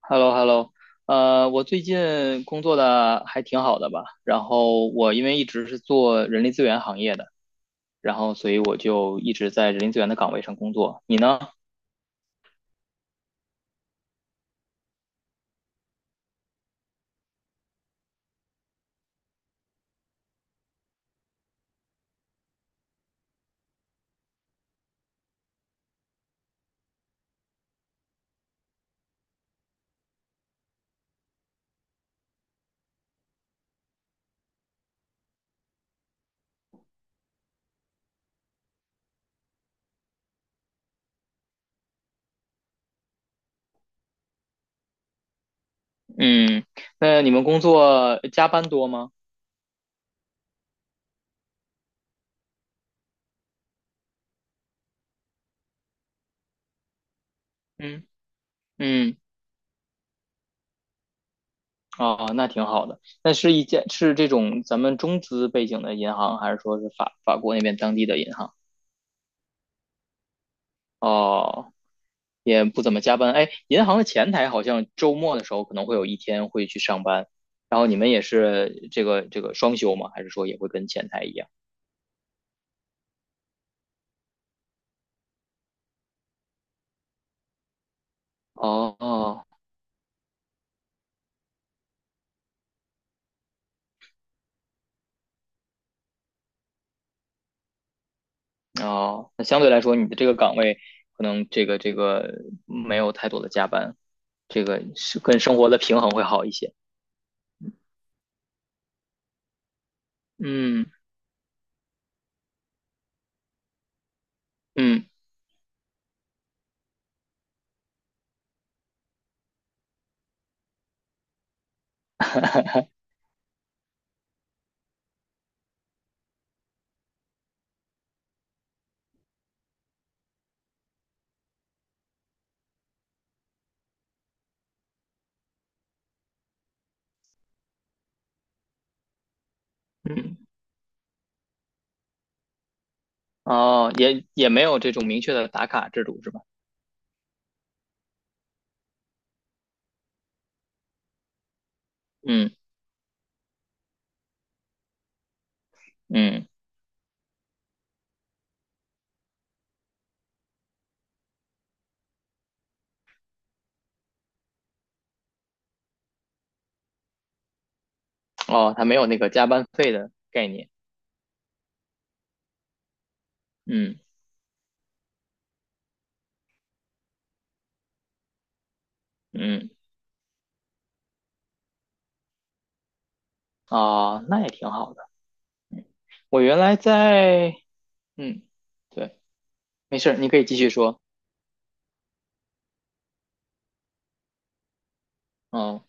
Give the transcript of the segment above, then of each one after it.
h e l l o h e l l o 我最近工作的还挺好的吧，然后我因为一直是做人力资源行业的，然后所以我就一直在人力资源的岗位上工作。你呢？嗯，那你们工作加班多吗？嗯嗯，哦，那挺好的。那是一间是这种咱们中资背景的银行，还是说是法国那边当地的银行？哦也不怎么加班。哎，银行的前台好像周末的时候可能会有一天会去上班，然后你们也是这个双休吗？还是说也会跟前台一样？哦哦哦，那相对来说你的这个岗位可能这个没有太多的加班，这个是跟生活的平衡会好一些。嗯嗯嗯，哦，也没有这种明确的打卡制度是吧？嗯嗯，哦，他没有那个加班费的概念。嗯嗯，哦，那也挺好的。我原来在，嗯，对，没事儿，你可以继续说。嗯，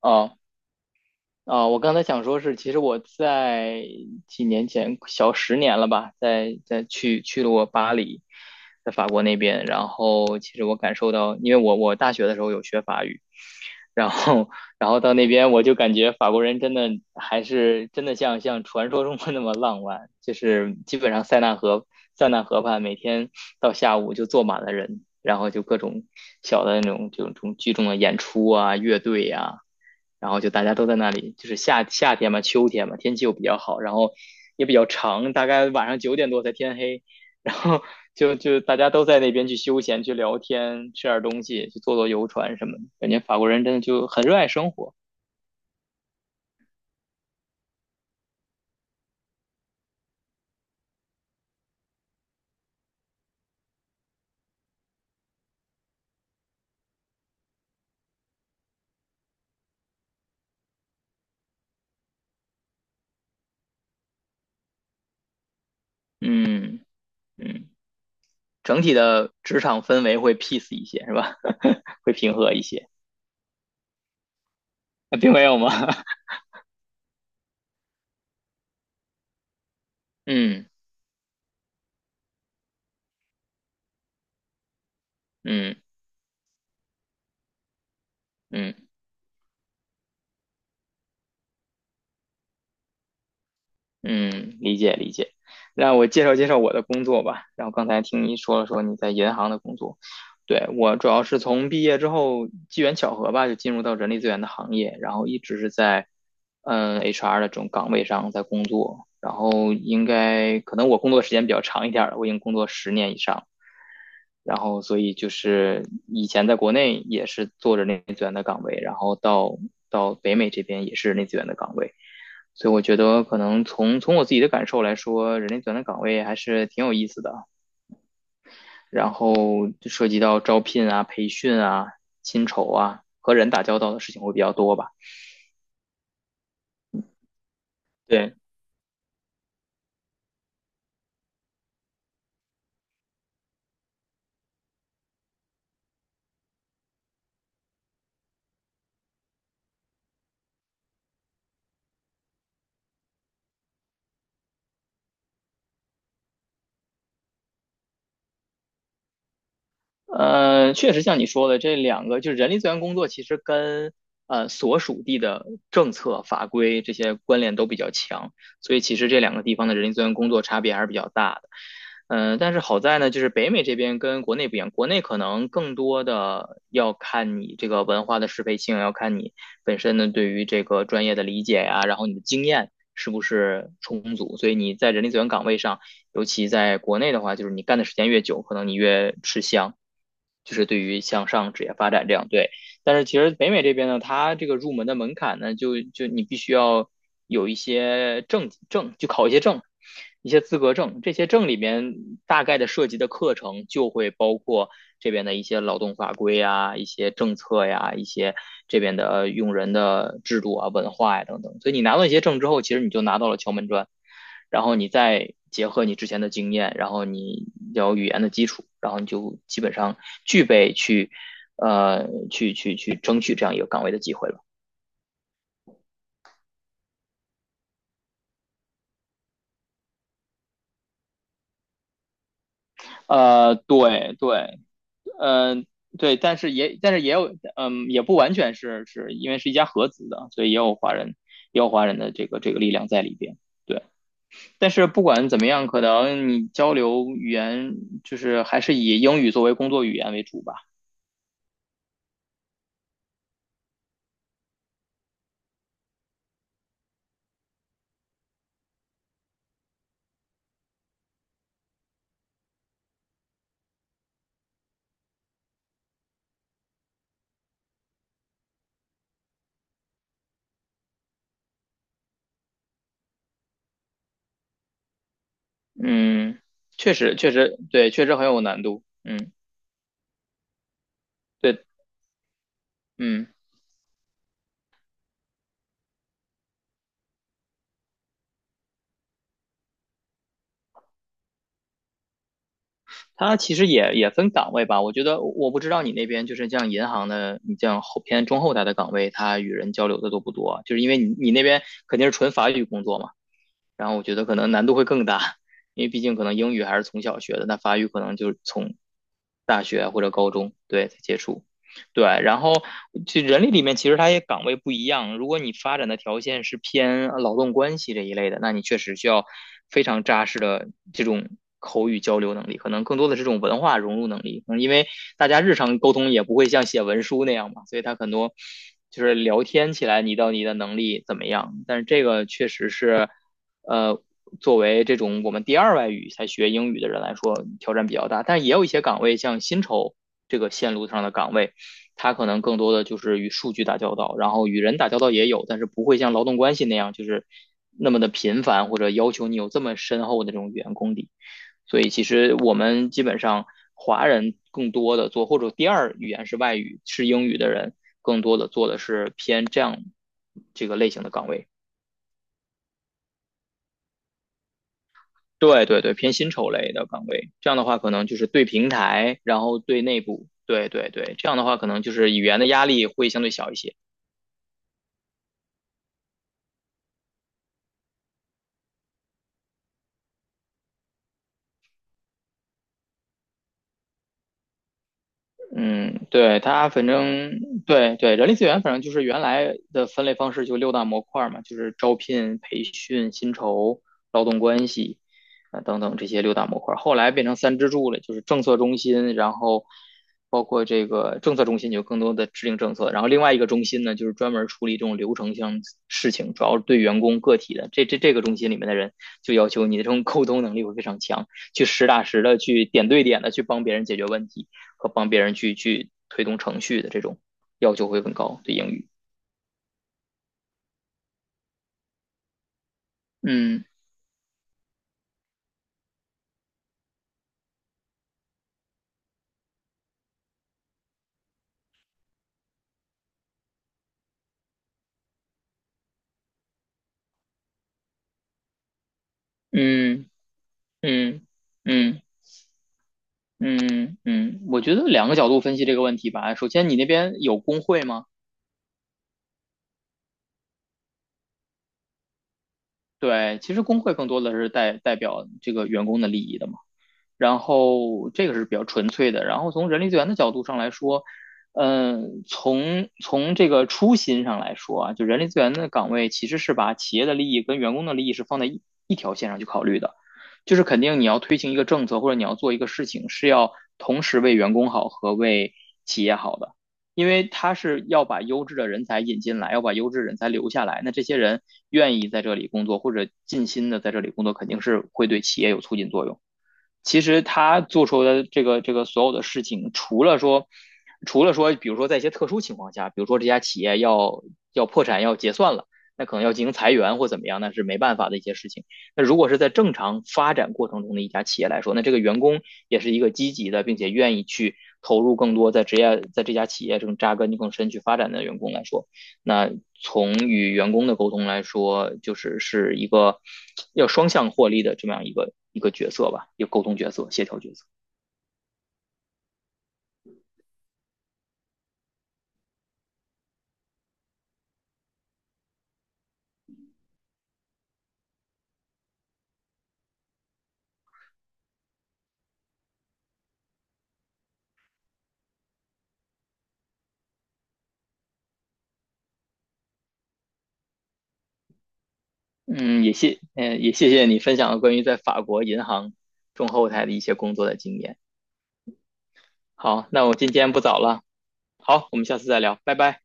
哦，啊，我刚才想说是，其实我在几年前，小十年了吧，在在去去了我巴黎，在法国那边，然后其实我感受到，因为我大学的时候有学法语，然后，然后到那边我就感觉法国人真的还是真的像传说中的那么浪漫，就是基本上塞纳河塞纳河畔每天到下午就坐满了人，然后就各种小的那种这种聚众的演出啊、乐队呀、然后就大家都在那里，就是夏天嘛，秋天嘛，天气又比较好，然后也比较长，大概晚上九点多才天黑，然后就大家都在那边去休闲、去聊天、吃点东西、去坐坐游船什么的，感觉法国人真的就很热爱生活，嗯嗯，整体的职场氛围会 peace 一些，是吧？会平和一些，啊并没有吗？嗯嗯嗯，嗯，理解理解。让我介绍介绍我的工作吧。然后刚才听你说了说你在银行的工作，对，我主要是从毕业之后机缘巧合吧，就进入到人力资源的行业，然后一直是在HR 的这种岗位上在工作。然后应该可能我工作时间比较长一点儿了，我已经工作十年以上。然后所以就是以前在国内也是做着力资源的岗位，然后到北美这边也是人力资源的岗位，所以我觉得可能从我自己的感受来说，人力资源的岗位还是挺有意思的，然后涉及到招聘啊、培训啊、薪酬啊，和人打交道的事情会比较多吧。对，确实像你说的，这两个就是人力资源工作，其实跟所属地的政策法规这些关联都比较强，所以其实这两个地方的人力资源工作差别还是比较大的。嗯、但是好在呢，就是北美这边跟国内不一样，国内可能更多的要看你这个文化的适配性，要看你本身呢对于这个专业的理解呀，然后你的经验是不是充足，所以你在人力资源岗位上。尤其在国内的话，就是你干的时间越久，可能你越吃香，就是对于向上职业发展这样对。但是其实北美这边呢，它这个入门的门槛呢，就你必须要有一些证，就考一些证，一些资格证。这些证里面大概的涉及的课程就会包括这边的一些劳动法规呀、一些政策呀、一些这边的用人的制度啊、文化呀等等。所以你拿到一些证之后，其实你就拿到了敲门砖。然后你再结合你之前的经验，然后你有语言的基础，然后你就基本上具备去，去争取这样一个岗位的机会了。对对，嗯、对，但是也但是也有，嗯，也不完全是是因为是一家合资的，所以也有华人也有华人的这个力量在里边。对，但是不管怎么样，可能你交流语言就是还是以英语作为工作语言为主吧。嗯，确实，确实，对，确实很有难度。嗯，对，嗯，它其实也分岗位吧。我觉得我不知道你那边就是像银行的，你像后偏中后台的岗位，它与人交流的多不多？就是因为你那边肯定是纯法语工作嘛，然后我觉得可能难度会更大，因为毕竟可能英语还是从小学的，那法语可能就是从大学或者高中对才接触。对，然后这人力里面其实它也岗位不一样，如果你发展的条件是偏劳动关系这一类的，那你确实需要非常扎实的这种口语交流能力，可能更多的是这种文化融入能力。嗯，因为大家日常沟通也不会像写文书那样嘛，所以它很多就是聊天起来你到你的能力怎么样，但是这个确实是，呃。作为这种我们第二外语才学英语的人来说，挑战比较大，但也有一些岗位，像薪酬这个线路上的岗位，他可能更多的就是与数据打交道，然后与人打交道也有，但是不会像劳动关系那样就是那么的频繁，或者要求你有这么深厚的这种语言功底。所以其实我们基本上华人更多的做，或者第二语言是外语是英语的人，更多的做的是偏这样这个类型的岗位。对对对，偏薪酬类的岗位。这样的话，可能就是对平台，然后对内部，对对对，这样的话可能就是语言的压力会相对小一些。嗯，对，它反正对对，人力资源反正就是原来的分类方式就六大模块嘛，就是招聘、培训、薪酬、劳动关系啊、等等这些六大模块后来变成三支柱了，就是政策中心，然后包括这个政策中心有更多的制定政策，然后另外一个中心呢，就是专门处理这种流程性事情，主要是对员工个体的。这个中心里面的人就要求你的这种沟通能力会非常强，去实打实的去点对点的去帮别人解决问题。和帮别人去推动程序的这种要求会更高对英语。嗯嗯嗯嗯嗯嗯，我觉得两个角度分析这个问题吧。首先，你那边有工会吗？对，其实工会更多的是代表这个员工的利益的嘛。然后这个是比较纯粹的。然后从人力资源的角度上来说，嗯，从这个初心上来说啊，就人力资源的岗位其实是把企业的利益跟员工的利益是放在一条线上去考虑的，就是肯定你要推行一个政策或者你要做一个事情，是要同时为员工好和为企业好的。因为他是要把优质的人才引进来，要把优质人才留下来。那这些人愿意在这里工作或者尽心的在这里工作，肯定是会对企业有促进作用。其实他做出的这个所有的事情，除了说，除了说，比如说在一些特殊情况下，比如说这家企业要破产要结算了，那可能要进行裁员或怎么样，那是没办法的一些事情。那如果是在正常发展过程中的一家企业来说，那这个员工也是一个积极的，并且愿意去投入更多在职业在这家企业这种扎根更深去发展的员工来说，那从与员工的沟通来说，就是是一个要双向获利的这么样一个角色吧，一个沟通角色、协调角色。嗯，也谢，嗯、也谢谢你分享了关于在法国银行中后台的一些工作的经验。好，那我今天不早了，好，我们下次再聊，拜拜。